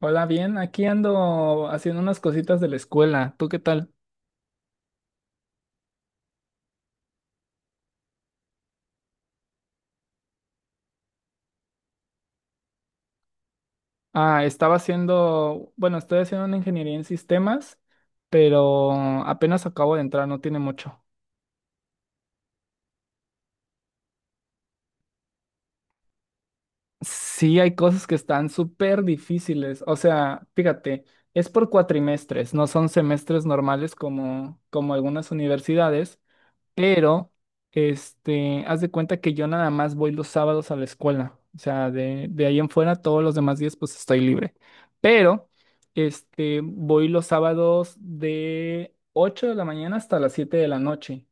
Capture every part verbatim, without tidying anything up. Hola, bien, aquí ando haciendo unas cositas de la escuela. ¿Tú qué tal? Ah, estaba haciendo, bueno, estoy haciendo una ingeniería en sistemas, pero apenas acabo de entrar, no tiene mucho. Sí, hay cosas que están súper difíciles. O sea, fíjate, es por cuatrimestres, no son semestres normales como, como algunas universidades. Pero, este, haz de cuenta que yo nada más voy los sábados a la escuela. O sea, de, de ahí en fuera, todos los demás días, pues estoy libre. Pero, este, voy los sábados de ocho de la mañana hasta las siete de la noche.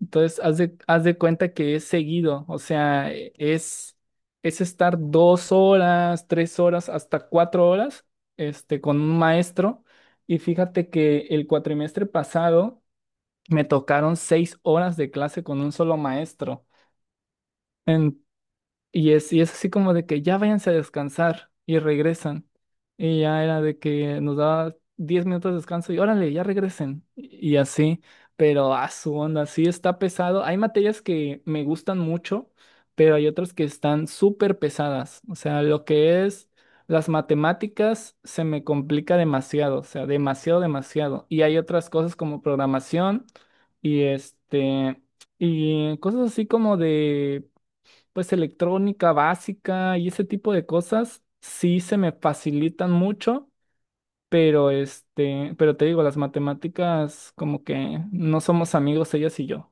Entonces, haz de, haz de cuenta que es seguido. O sea, e- es, es estar dos horas, tres horas, hasta cuatro horas, este, con un maestro. Y fíjate que el cuatrimestre pasado, me tocaron seis horas de clase con un solo maestro. En- y es, y es así como de que ya váyanse a descansar y regresan. Y ya era de que nos daba diez minutos de descanso y órale, ya regresen. Y y así, pero a su onda, sí está pesado. Hay materias que me gustan mucho, pero hay otras que están súper pesadas. O sea, lo que es las matemáticas se me complica demasiado, o sea, demasiado, demasiado. Y hay otras cosas como programación y este, y cosas así como de pues electrónica básica y ese tipo de cosas sí se me facilitan mucho, pero este, pero te digo, las matemáticas como que no somos amigos ellas y yo.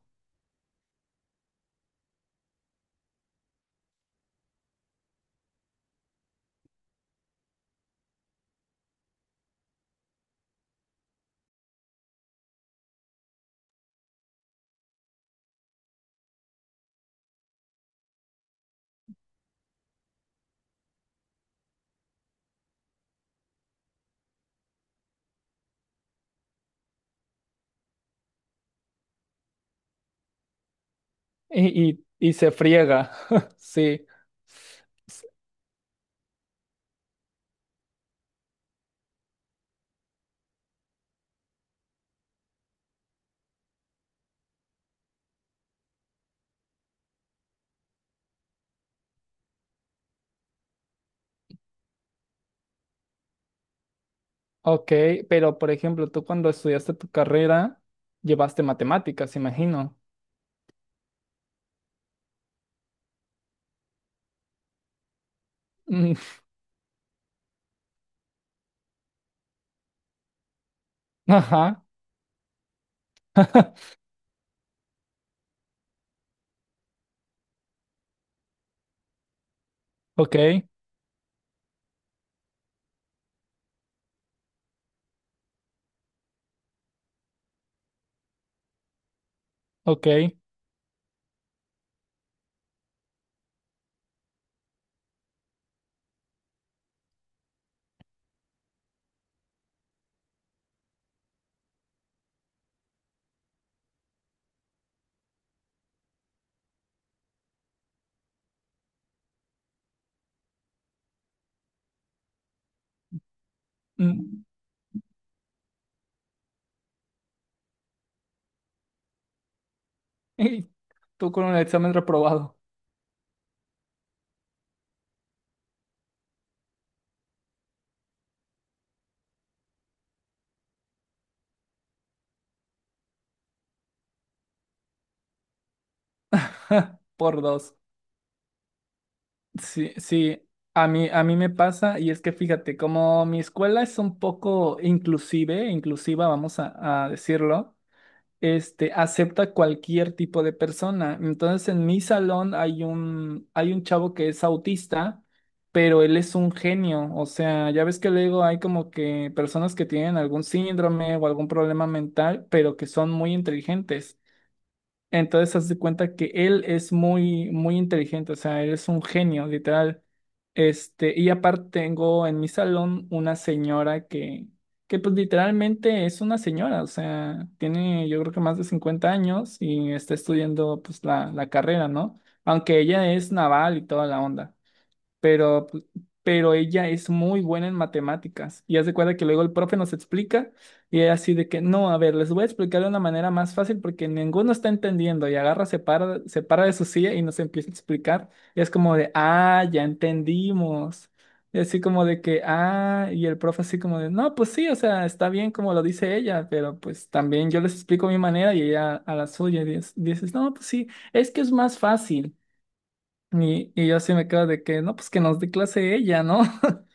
Y, y, y se friega. Sí. S- Ok, pero por ejemplo, tú cuando estudiaste tu carrera, llevaste matemáticas, imagino. Mm. Ajá. Ok, ok. Mm. Y tú con un examen reprobado, por dos. Sí, sí, a mí, a mí me pasa, y es que fíjate, como mi escuela es un poco inclusive, inclusiva, vamos a, a decirlo, este, acepta cualquier tipo de persona. Entonces, en mi salón hay un, hay un chavo que es autista, pero él es un genio. O sea, ya ves que luego hay como que personas que tienen algún síndrome o algún problema mental, pero que son muy inteligentes. Entonces, haz de cuenta que él es muy, muy inteligente, o sea, él es un genio, literal. Este, y aparte tengo en mi salón una señora que, que pues literalmente es una señora, o sea, tiene yo creo que más de cincuenta años y está estudiando pues la, la carrera, ¿no? Aunque ella es naval y toda la onda, pero, pu- pero ella es muy buena en matemáticas. Y haz de cuenta que luego el profe nos explica y ella así de que, no, a ver, les voy a explicar de una manera más fácil porque ninguno está entendiendo, y agarra, se para, se para de su silla y nos empieza a explicar. Y es como de, ah, ya entendimos. Y así como de que, ah, y el profe así como de, no, pues sí, o sea, está bien como lo dice ella, pero pues también yo les explico mi manera y ella a la suya, y dices, dices, no, pues sí, es que es más fácil. Y, y yo así me quedo de que, no, pues que nos dé clase ella, ¿no?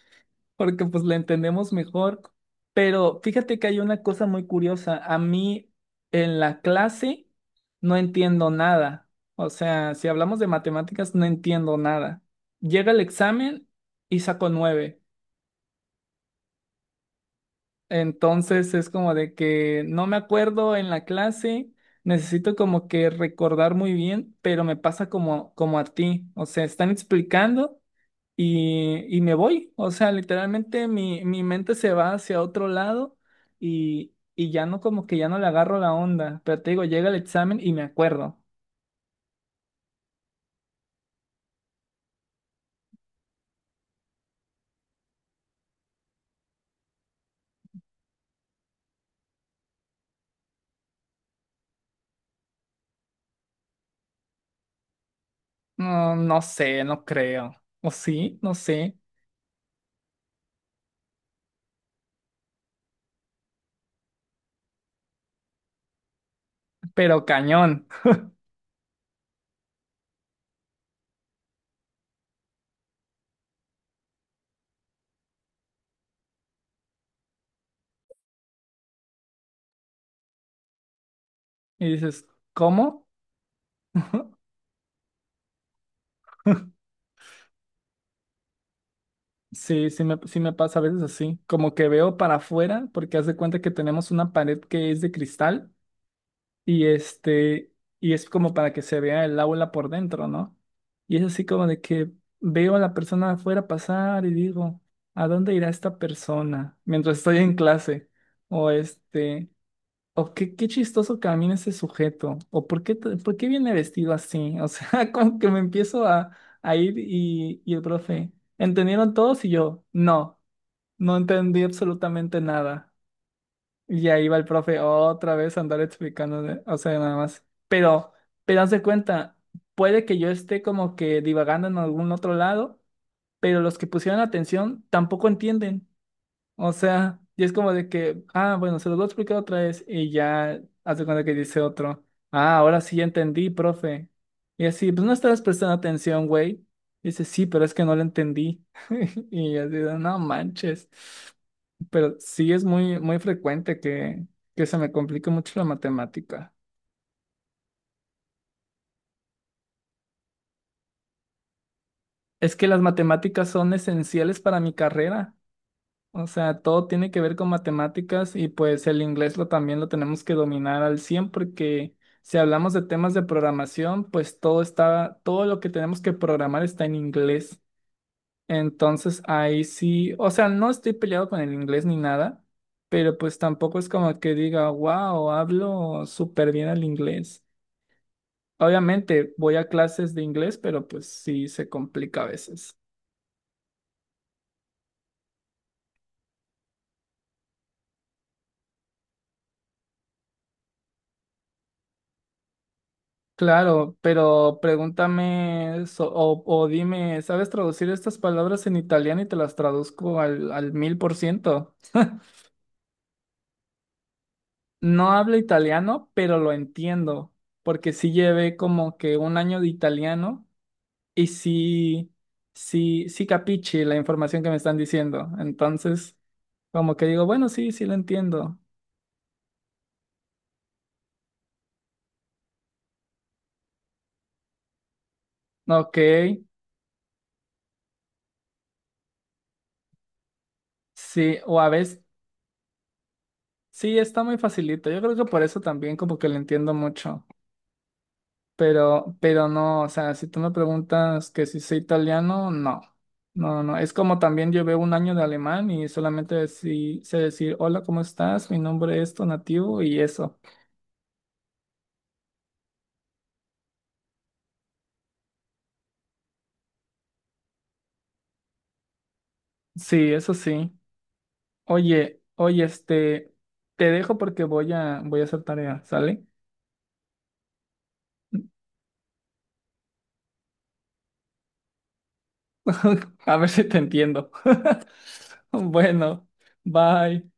Porque pues la entendemos mejor. Pero fíjate que hay una cosa muy curiosa. A mí en la clase no entiendo nada. O sea, si hablamos de matemáticas, no entiendo nada. Llega el examen y saco nueve. Entonces es como de que no me acuerdo en la clase. Necesito como que recordar muy bien, pero me pasa como, como a ti. O sea, están explicando, y, y me voy. O sea, literalmente mi, mi mente se va hacia otro lado, y, y ya no, como que ya no le agarro la onda. Pero te digo, llega el examen y me acuerdo. No, no sé, no creo. O sí, no sé, pero cañón. Y dices, ¿cómo? Sí, sí me, sí me pasa a veces así, como que veo para afuera, porque haz de cuenta que tenemos una pared que es de cristal. Y este, y es como para que se vea el aula por dentro, ¿no? Y es así como de que veo a la persona afuera pasar y digo, ¿a dónde irá esta persona mientras estoy en clase? O este, o qué, qué chistoso camina ese sujeto, o por qué, t- por qué viene vestido así. O sea, como que me empiezo a, a ir, y, y el profe, ¿entendieron todos? Y yo, no, no entendí absolutamente nada. Y ahí va el profe otra vez a andar explicando, de- o sea, nada más. Pero, pero haz de cuenta, puede que yo esté como que divagando en algún otro lado, pero los que pusieron atención tampoco entienden. O sea, y es como de que, ah, bueno, se los voy a explicar otra vez, y ya haz de cuenta que dice otro, ah, ahora sí ya entendí, profe. Y así, pues no estabas prestando atención, güey. Dice, sí, pero es que no lo entendí. Y así, de, no manches, pero sí es muy, muy frecuente que, que se me complique mucho la matemática. Es que las matemáticas son esenciales para mi carrera. O sea, todo tiene que ver con matemáticas, y pues el inglés lo también lo tenemos que dominar al cien, porque si hablamos de temas de programación, pues todo está, todo lo que tenemos que programar está en inglés. Entonces ahí sí, o sea, no estoy peleado con el inglés ni nada, pero pues tampoco es como que diga, wow, hablo súper bien el inglés. Obviamente voy a clases de inglés, pero pues sí se complica a veces. Claro, pero pregúntame so- o, o dime, ¿sabes traducir estas palabras en italiano?, y te las traduzco al, al mil por ciento. No hablo italiano, pero lo entiendo, porque sí llevé como que un año de italiano, y sí, sí, sí capiche la información que me están diciendo. Entonces, como que digo, bueno, sí, sí lo entiendo. Ok. Sí, o a veces sí, está muy facilito. Yo creo que por eso también como que lo entiendo mucho. Pero, pero no, o sea, si tú me preguntas que si soy italiano, no. No, no, no. Es como también llevé un año de alemán, y solamente decí- sé decir, hola, ¿cómo estás? Mi nombre es tu nativo, y eso. Sí, eso sí. Oye, oye, este, te dejo porque voy a, voy a hacer tarea, ¿sale? A ver si te entiendo. Bueno, bye.